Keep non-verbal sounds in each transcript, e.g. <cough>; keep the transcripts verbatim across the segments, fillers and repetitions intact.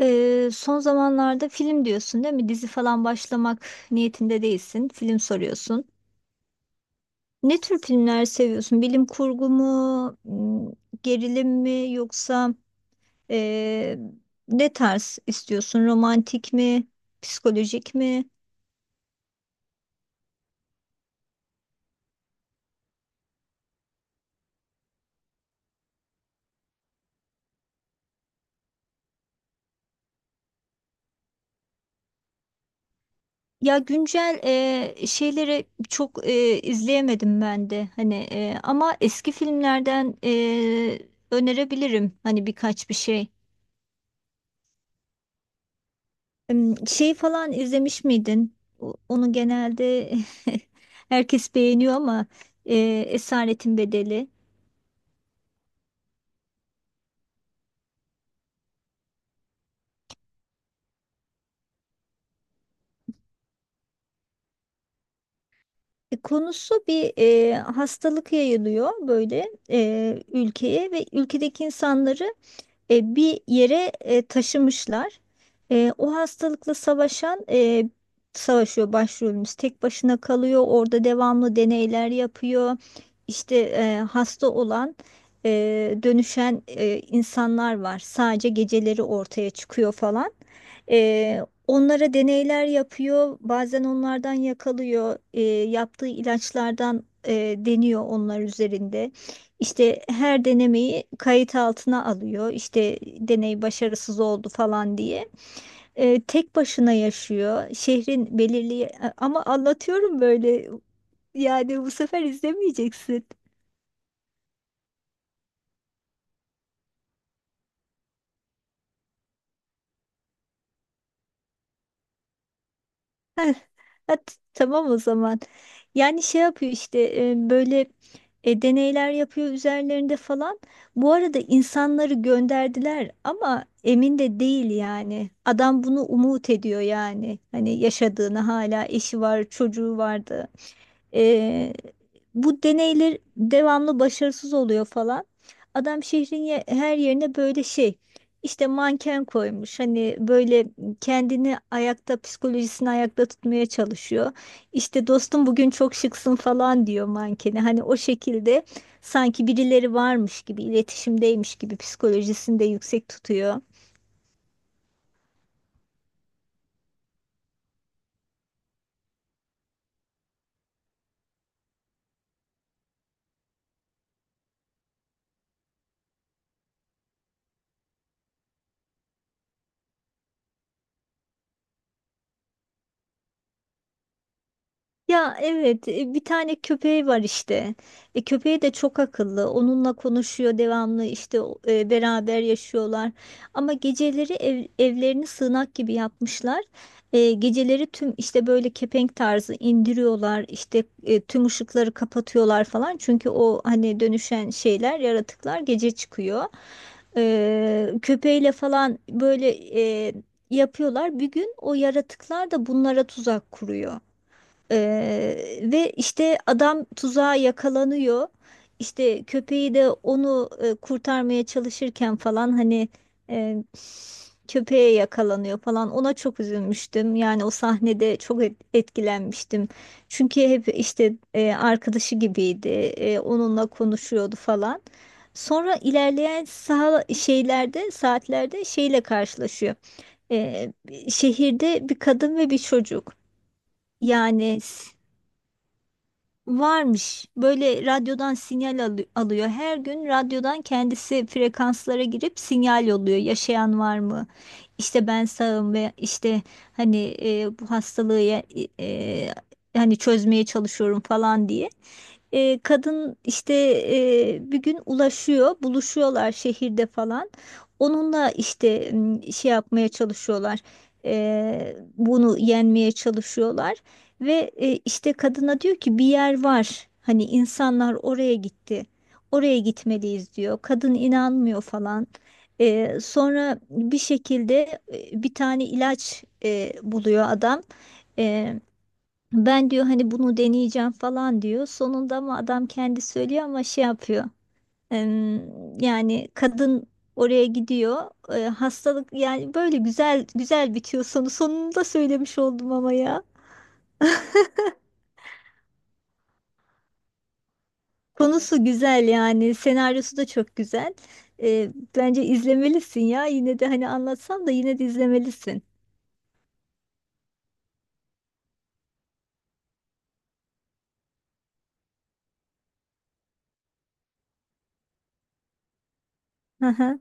Ee, son zamanlarda film diyorsun değil mi? Dizi falan başlamak niyetinde değilsin. Film soruyorsun. Ne tür filmler seviyorsun? Bilim kurgu mu, m, gerilim mi yoksa ee, ne tarz istiyorsun? Romantik mi, psikolojik mi? Ya güncel ee, şeyleri çok ee, izleyemedim ben de. Hani ee, ama eski filmlerden ee, önerebilirim hani birkaç bir şey. Em, Şey falan izlemiş miydin? O- Onu genelde <laughs> herkes beğeniyor ama e, Esaretin Bedeli. E, konusu bir e, hastalık yayılıyor böyle e, ülkeye ve ülkedeki insanları e, bir yere e, taşımışlar. E, o hastalıkla savaşan e, savaşıyor başrolümüz. Tek başına kalıyor. Orada devamlı deneyler yapıyor. İşte e, hasta olan e, dönüşen e, insanlar var. Sadece geceleri ortaya çıkıyor falan. E, onlara deneyler yapıyor. Bazen onlardan yakalıyor. E, yaptığı ilaçlardan e, deniyor onlar üzerinde. İşte her denemeyi kayıt altına alıyor. İşte deney başarısız oldu falan diye. Ee, tek başına yaşıyor. Şehrin belirli ama anlatıyorum böyle. Yani bu sefer izlemeyeceksin. <laughs> Ha, t- tamam o zaman. Yani şey yapıyor işte e, böyle e, deneyler yapıyor üzerlerinde falan. Bu arada insanları gönderdiler ama emin de değil yani. Adam bunu umut ediyor yani. Hani yaşadığını hala eşi var, çocuğu vardı. E, bu deneyler devamlı başarısız oluyor falan. Adam şehrin ye- her yerine böyle şey işte manken koymuş. Hani böyle kendini ayakta, psikolojisini ayakta tutmaya çalışıyor. İşte dostum bugün çok şıksın falan diyor mankeni. Hani o şekilde sanki birileri varmış gibi, iletişimdeymiş gibi psikolojisini de yüksek tutuyor. Ya evet, e, bir tane köpeği var işte. E, köpeği de çok akıllı. Onunla konuşuyor devamlı işte o- e, beraber yaşıyorlar. Ama geceleri ev- evlerini sığınak gibi yapmışlar. E, geceleri tüm işte böyle kepenk tarzı indiriyorlar. İşte e, tüm ışıkları kapatıyorlar falan. Çünkü o hani dönüşen şeyler, yaratıklar gece çıkıyor. E, köpeğiyle falan böyle e, yapıyorlar. Bir gün o yaratıklar da bunlara tuzak kuruyor. Ee, ve işte adam tuzağa yakalanıyor. İşte köpeği de onu e, kurtarmaya çalışırken falan hani e, köpeğe yakalanıyor falan. Ona çok üzülmüştüm. Yani o sahnede çok et- etkilenmiştim. Çünkü hep işte e, arkadaşı gibiydi. E, onunla konuşuyordu falan. Sonra ilerleyen sağ şeylerde saatlerde şeyle karşılaşıyor. E, Şehirde bir kadın ve bir çocuk. Yani varmış. Böyle radyodan sinyal alı- alıyor. Her gün radyodan kendisi frekanslara girip sinyal yolluyor. Yaşayan var mı? İşte ben sağım ve işte hani e, bu hastalığı ya- e, e, hani çözmeye çalışıyorum falan diye. E, kadın işte e, bir gün ulaşıyor, buluşuyorlar şehirde falan. Onunla işte m, şey yapmaya çalışıyorlar. E, bunu yenmeye çalışıyorlar. Ve e, işte kadına diyor ki bir yer var. Hani insanlar oraya gitti. Oraya gitmeliyiz diyor. Kadın inanmıyor falan. E, sonra bir şekilde e, bir tane ilaç e, buluyor adam. E, Ben diyor hani bunu deneyeceğim falan diyor. Sonunda ama adam kendi söylüyor ama şey yapıyor. Em, yani kadın oraya gidiyor. E, hastalık yani böyle güzel güzel bitiyor sonu. Sonunu da söylemiş oldum ama ya. Konusu güzel yani senaryosu da çok güzel. Ee, Bence izlemelisin ya. Yine de hani anlatsam da yine de izlemelisin. Hı hı.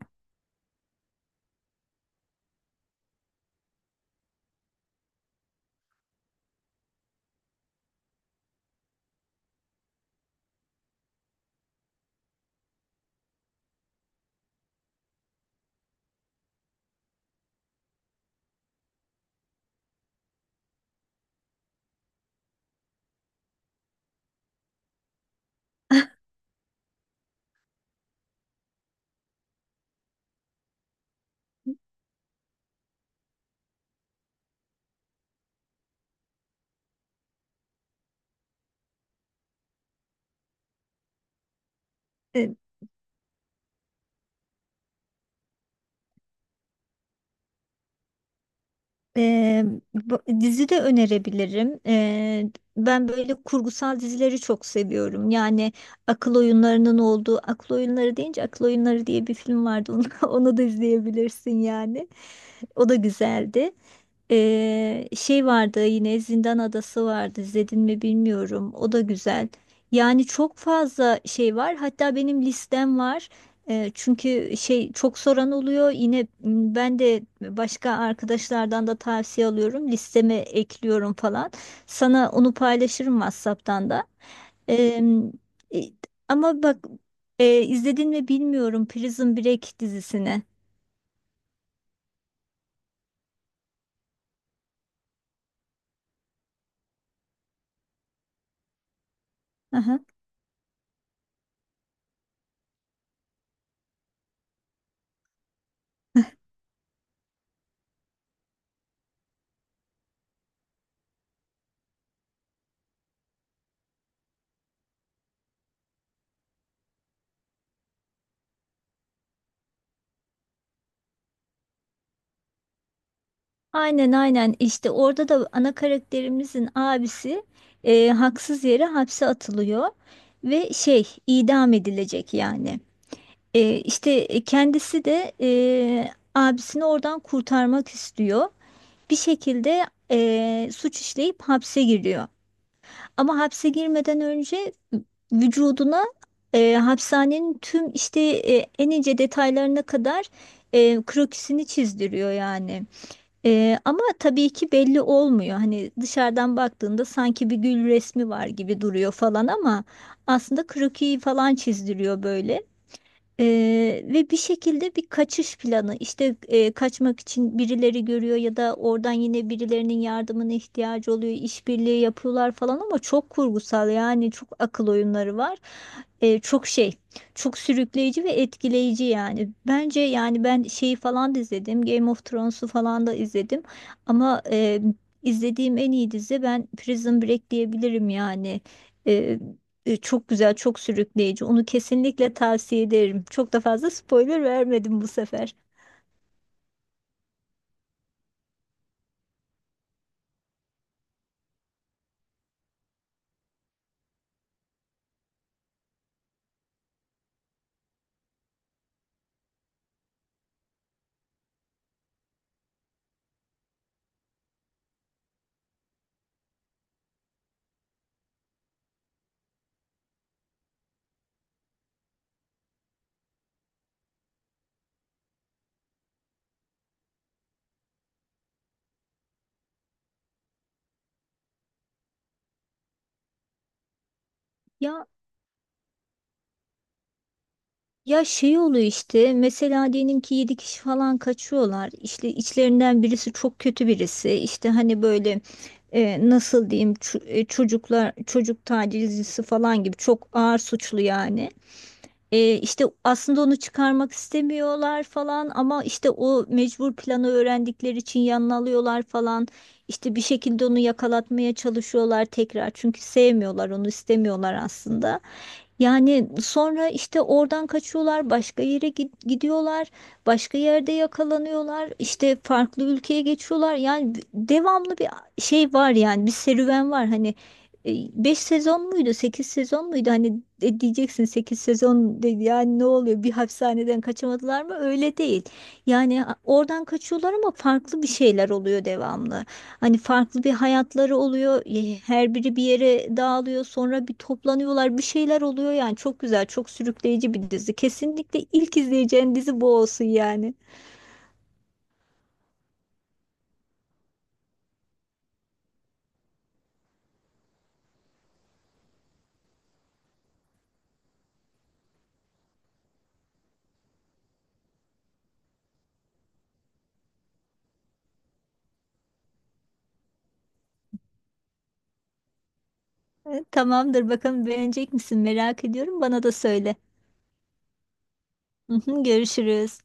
Ee, e, bu- Dizi de önerebilirim. Ee, ben böyle kurgusal dizileri çok seviyorum. Yani akıl oyunlarının olduğu akıl oyunları deyince akıl oyunları diye bir film vardı. Onu, <laughs> onu da izleyebilirsin yani. O da güzeldi. Ee, şey vardı yine Zindan Adası vardı. İzledin mi bilmiyorum. O da güzel. Yani çok fazla şey var. Hatta benim listem var. Ee, çünkü şey çok soran oluyor. Yine m, ben de başka arkadaşlardan da tavsiye alıyorum. Listeme ekliyorum falan. Sana onu paylaşırım WhatsApp'tan da. Ee, e, Ama bak, e, izledin mi bilmiyorum Prison Break dizisini. Aynen, aynen, işte orada da ana karakterimizin abisi e, haksız yere hapse atılıyor ve şey idam edilecek yani. E, işte e, kendisi de e, abisini oradan kurtarmak istiyor. Bir şekilde e, suç işleyip hapse giriyor. Ama hapse girmeden önce vücuduna e, hapishanenin tüm işte e, en ince detaylarına kadar e, krokisini çizdiriyor yani. Ee, ama tabii ki belli olmuyor. Hani dışarıdan baktığında sanki bir gül resmi var gibi duruyor falan ama aslında krokiyi falan çizdiriyor böyle. Ee, ve bir şekilde bir kaçış planı işte, e, kaçmak için birileri görüyor ya da oradan yine birilerinin yardımına ihtiyacı oluyor, işbirliği yapıyorlar falan ama çok kurgusal yani, çok akıl oyunları var. Ee, çok şey Çok sürükleyici ve etkileyici yani bence. Yani ben şeyi falan da izledim, Game of Thrones'u falan da izledim ama e, izlediğim en iyi dizi ben Prison Break diyebilirim yani. E, Çok güzel, çok sürükleyici. Onu kesinlikle tavsiye ederim. Çok da fazla spoiler vermedim bu sefer. Ya, ya şey oluyor işte. Mesela diyelim ki yedi kişi falan kaçıyorlar. İşte içlerinden birisi çok kötü birisi. İşte hani böyle e, nasıl diyeyim, çu- e, çocuklar çocuk tacizcisi falan gibi çok ağır suçlu yani. E, işte aslında onu çıkarmak istemiyorlar falan ama işte o mecbur planı öğrendikleri için yanına alıyorlar falan. İşte bir şekilde onu yakalatmaya çalışıyorlar tekrar çünkü sevmiyorlar onu, istemiyorlar aslında. Yani sonra işte oradan kaçıyorlar, başka yere gid- gidiyorlar, başka yerde yakalanıyorlar, işte farklı ülkeye geçiyorlar. Yani b- devamlı bir şey var yani, bir serüven var. Hani e, beş sezon muydu, sekiz sezon muydu? Hani de- diyeceksin sekiz sezon dedi yani ne oluyor? Bir hapishaneden kaçamadılar mı? Öyle değil. Yani a- oradan kaçıyorlar ama farklı bir şeyler oluyor devamlı. Hani farklı bir hayatları oluyor. Ye- Her biri bir yere dağılıyor. Sonra bir toplanıyorlar. Bir şeyler oluyor yani. Çok güzel, çok sürükleyici bir dizi. Kesinlikle ilk izleyeceğin dizi bu olsun yani. E, Tamamdır. Bakalım beğenecek misin? Merak ediyorum. Bana da söyle. Hı hı, görüşürüz.